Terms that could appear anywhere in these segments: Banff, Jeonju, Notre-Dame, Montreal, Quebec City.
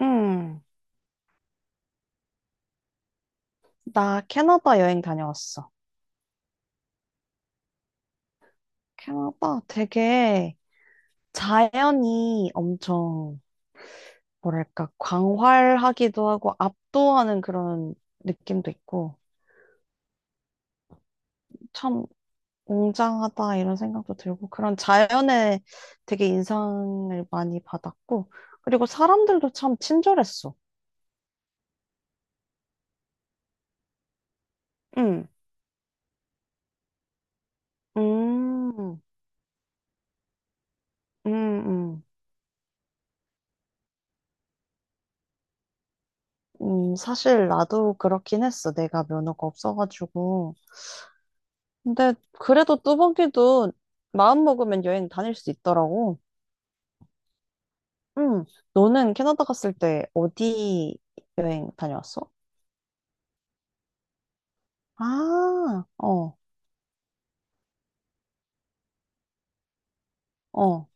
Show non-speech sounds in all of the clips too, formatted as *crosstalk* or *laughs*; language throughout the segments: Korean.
응, 나 캐나다 여행 다녀왔어. 캐나다 되게 자연이 엄청, 뭐랄까, 광활하기도 하고 압도하는 그런 느낌도 있고, 참 웅장하다 이런 생각도 들고, 그런 자연에 되게 인상을 많이 받았고, 그리고 사람들도 참 친절했어. 응. 음. 음. 음. 음. 사실 나도 그렇긴 했어. 내가 면허가 없어가지고. 근데 그래도 뚜벅이도 마음 먹으면 여행 다닐 수 있더라고. 응. 너는 캐나다 갔을 때 어디 여행 다녀왔어? 아, 어, 어.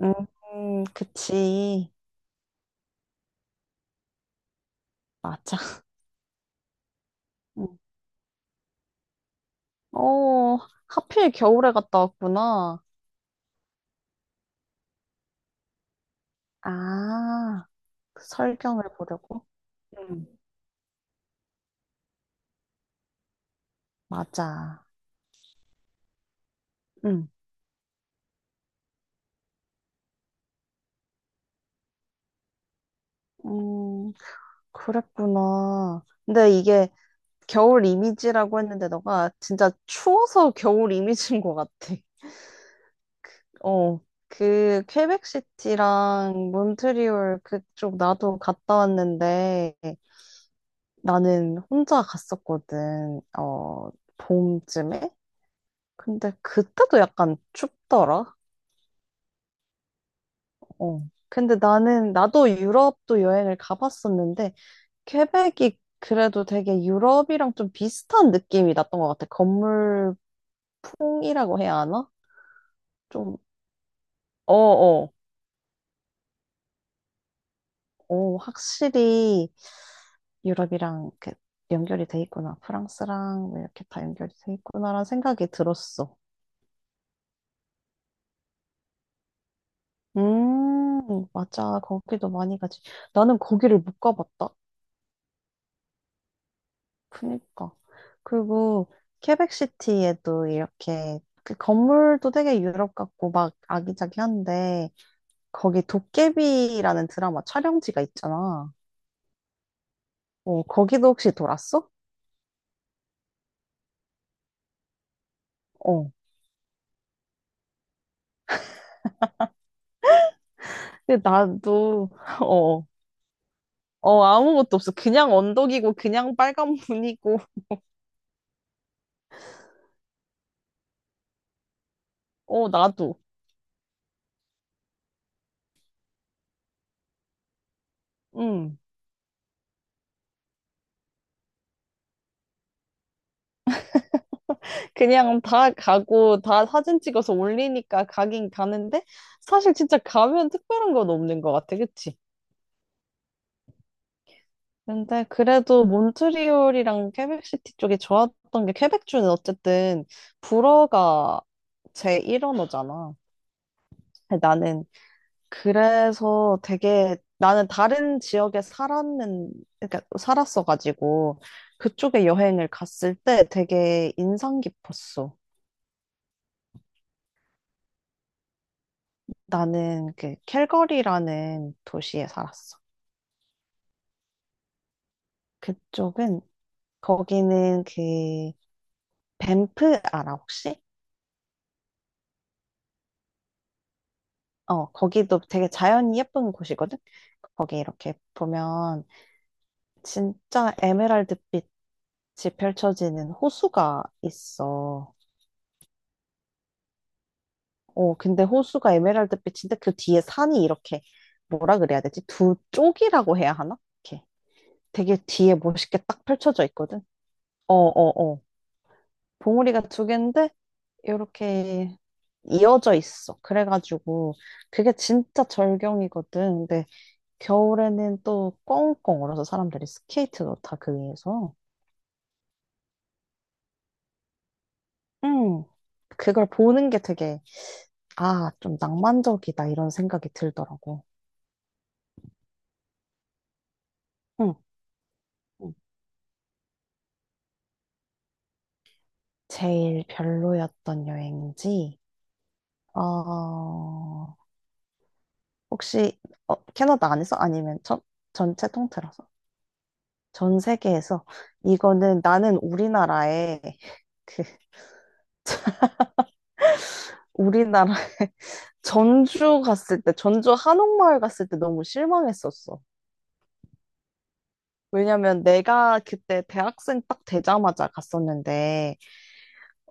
음, 그치. 맞아. 응. 어, 하필 겨울에 갔다 왔구나. 아, 그 설경을 보려고? 응. 맞아. 응. 음, 그랬구나. 근데 이게 겨울 이미지라고 했는데 너가 진짜 추워서 겨울 이미지인 것 같아. 어, 그 퀘벡시티랑 몬트리올 그쪽 나도 갔다 왔는데 나는 혼자 갔었거든. 어, 봄쯤에? 근데 그때도 약간 춥더라. 어. 근데 나는 나도 유럽도 여행을 가봤었는데 퀘벡이 그래도 되게 유럽이랑 좀 비슷한 느낌이 났던 것 같아. 건물 풍이라고 해야 하나? 좀 어, 어, 오, 확실히 유럽이랑 이렇게 연결이 돼 있구나. 프랑스랑 뭐 이렇게 다 연결이 돼 있구나라는 생각이 들었어. 맞아. 거기도 많이 가지. 나는 거기를 못 가봤다. 그니까. 그리고 케벡시티에도 이렇게 그 건물도 되게 유럽 같고 막 아기자기한데 거기 도깨비라는 드라마 촬영지가 있잖아. 어, 거기도 혹시 돌았어? 어. 근데 나도 *laughs* 어. 어, 아무것도 없어. 그냥 언덕이고, 그냥 빨간 문이고, *laughs* 어, 나도. 음. 그냥 다 가고, 다 사진 찍어서 올리니까 가긴 가는데, 사실 진짜 가면 특별한 건 없는 것 같아. 그치? 근데 그래도 몬트리올이랑 퀘벡시티 쪽이 좋았던 게, 퀘벡주는 어쨌든 불어가 제1언어잖아. 나는 그래서 되게 나는 다른 지역에 그러니까 살았어가지고 그쪽에 여행을 갔을 때 되게 인상 깊었어. 나는 그 캘거리라는 도시에 살았어. 그쪽은 거기는 그 밴프 알아 혹시? 어, 거기도 되게 자연이 예쁜 곳이거든. 거기 이렇게 보면 진짜 에메랄드빛이 펼쳐지는 호수가 있어. 어, 근데 호수가 에메랄드빛인데 그 뒤에 산이 이렇게 뭐라 그래야 되지? 두 쪽이라고 해야 하나? 이렇게 되게 뒤에 멋있게 딱 펼쳐져 있거든. 어, 어, 어. 봉우리가 두 개인데 이렇게 이어져 있어. 그래가지고 그게 진짜 절경이거든. 근데 겨울에는 또 꽁꽁 얼어서 사람들이 스케이트도 다 그 위에서. 음, 그걸 보는 게 되게 아, 좀 낭만적이다 이런 생각이 들더라고. 응. 제일 별로였던 여행지? 어, 혹시, 어, 캐나다 안에서? 아니면 전체 통틀어서? 전 세계에서? 이거는 나는 그, 우리나라, *laughs* 전주 갔을 때, 전주 한옥마을 갔을 때 너무 실망했었어. 왜냐면 내가 그때 대학생 딱 되자마자 갔었는데,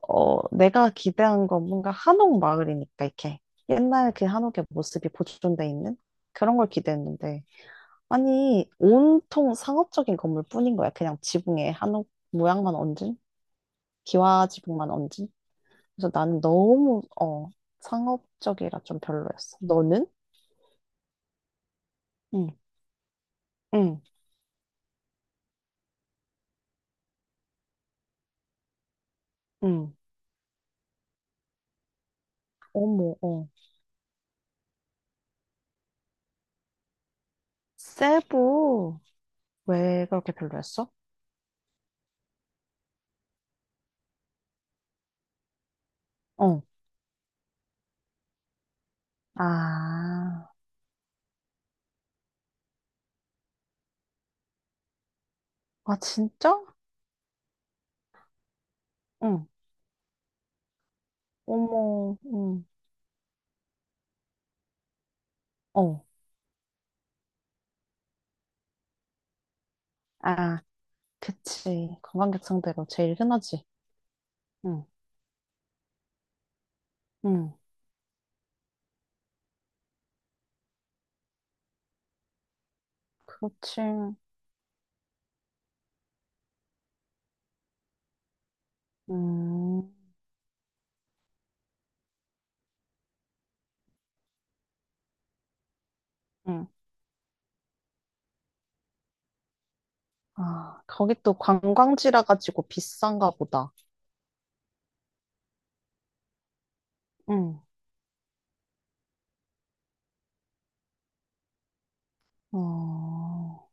어, 내가 기대한 건 뭔가 한옥마을이니까, 이렇게. 옛날 그 한옥의 모습이 보존돼 있는? 그런 걸 기대했는데, 아니, 온통 상업적인 건물뿐인 거야. 그냥 지붕에 한옥 모양만 얹은? 기와 지붕만 얹은? 그래서 나는 너무, 상업적이라 좀 별로였어. 너는? 응, 응, 응. 어머, 어. 세부, 왜 그렇게 별로였어? 어. 아, 아, 진짜? 응. 어머, 응. 어. 아, 그치. 관광객 상대로 제일 흔하지. 응, 응. 그렇지. 음. 응. 아, 거기 또 관광지라 가지고 비싼가 보다. 응. 어,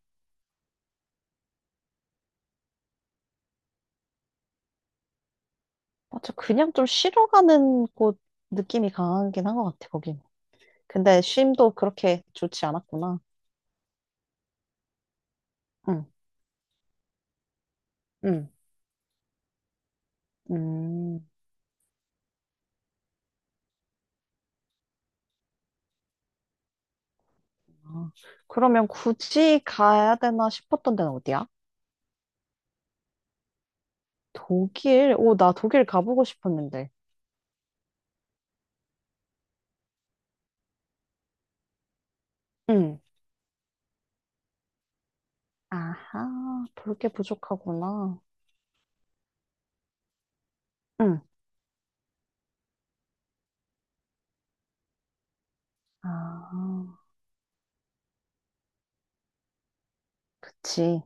맞아. 그냥 좀 쉬러 가는 곳 느낌이 강하긴 한 것 같아, 거긴. 근데 쉼도 그렇게 좋지 않았구나. 응, 응, 음. 아, 그러면 굳이 가야 되나 싶었던 데는 어디야? 독일? 오, 나 독일 가보고 싶었는데. 응. 아하, 볼게 부족하구나. 응. 아, 그치.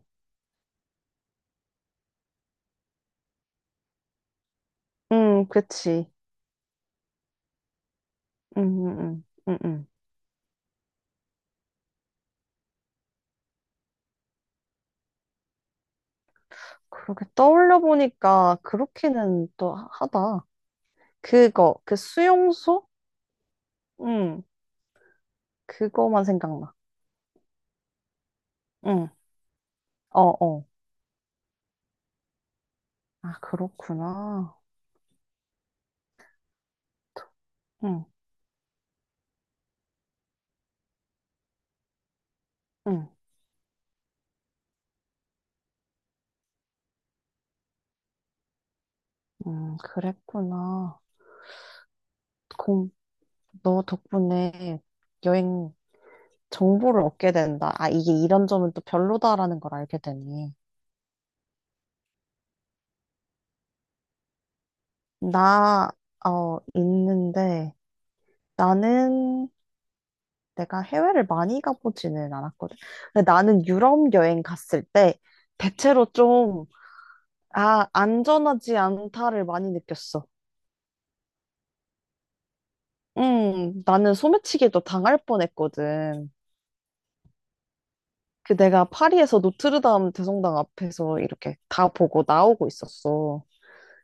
응, 그치. 응, 응, 응, 응. 응. 그렇게 떠올려 보니까 그렇게는 또 하다. 그거, 그 수용소? 응, 그거만 생각나. 응, 어, 어. 아, 그렇구나. 응, 응, 그랬구나. 공, 너 덕분에 여행 정보를 얻게 된다. 아, 이게 이런 점은 또 별로다라는 걸 알게 되니. 나, 있는데, 나는 내가 해외를 많이 가보지는 않았거든. 근데 나는 유럽 여행 갔을 때 대체로 좀, 아, 안전하지 않다를 많이 느꼈어. 나는 소매치기도 당할 뻔했거든. 그 내가 파리에서 노트르담 대성당 앞에서 이렇게 다 보고 나오고 있었어.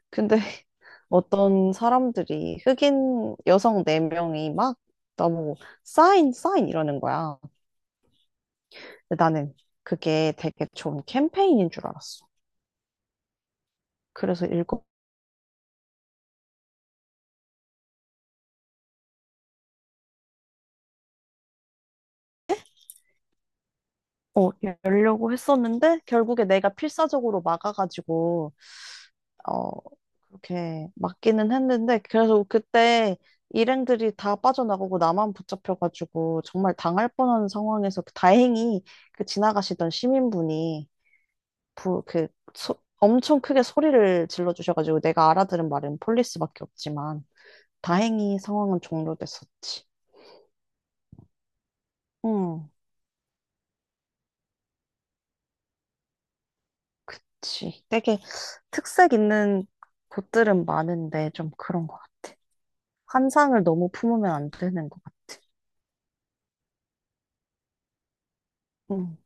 근데 *laughs* 어떤 사람들이 흑인 여성 네명이막 나보고 사인, 사인 이러는 거야. 근데 나는 그게 되게 좋은 캠페인인 줄 알았어. 그래서 어, 열려고 했었는데, 결국에 내가 필사적으로 막아가지고, 어, 그렇게 막기는 했는데, 그래서 그때 일행들이 다 빠져나가고 나만 붙잡혀가지고, 정말 당할 뻔한 상황에서 그 다행히 그 지나가시던 시민분이, 부, 그, 엄청 크게 소리를 질러주셔가지고, 내가 알아들은 말은 폴리스밖에 없지만, 다행히 상황은 종료됐었지. 응, 그치. 되게 특색 있는 곳들은 많은데, 좀 그런 환상을 너무 품으면 안 되는 것 같아. 응,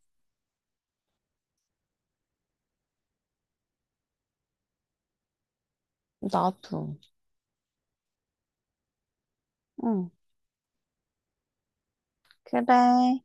나도. 응, 그래.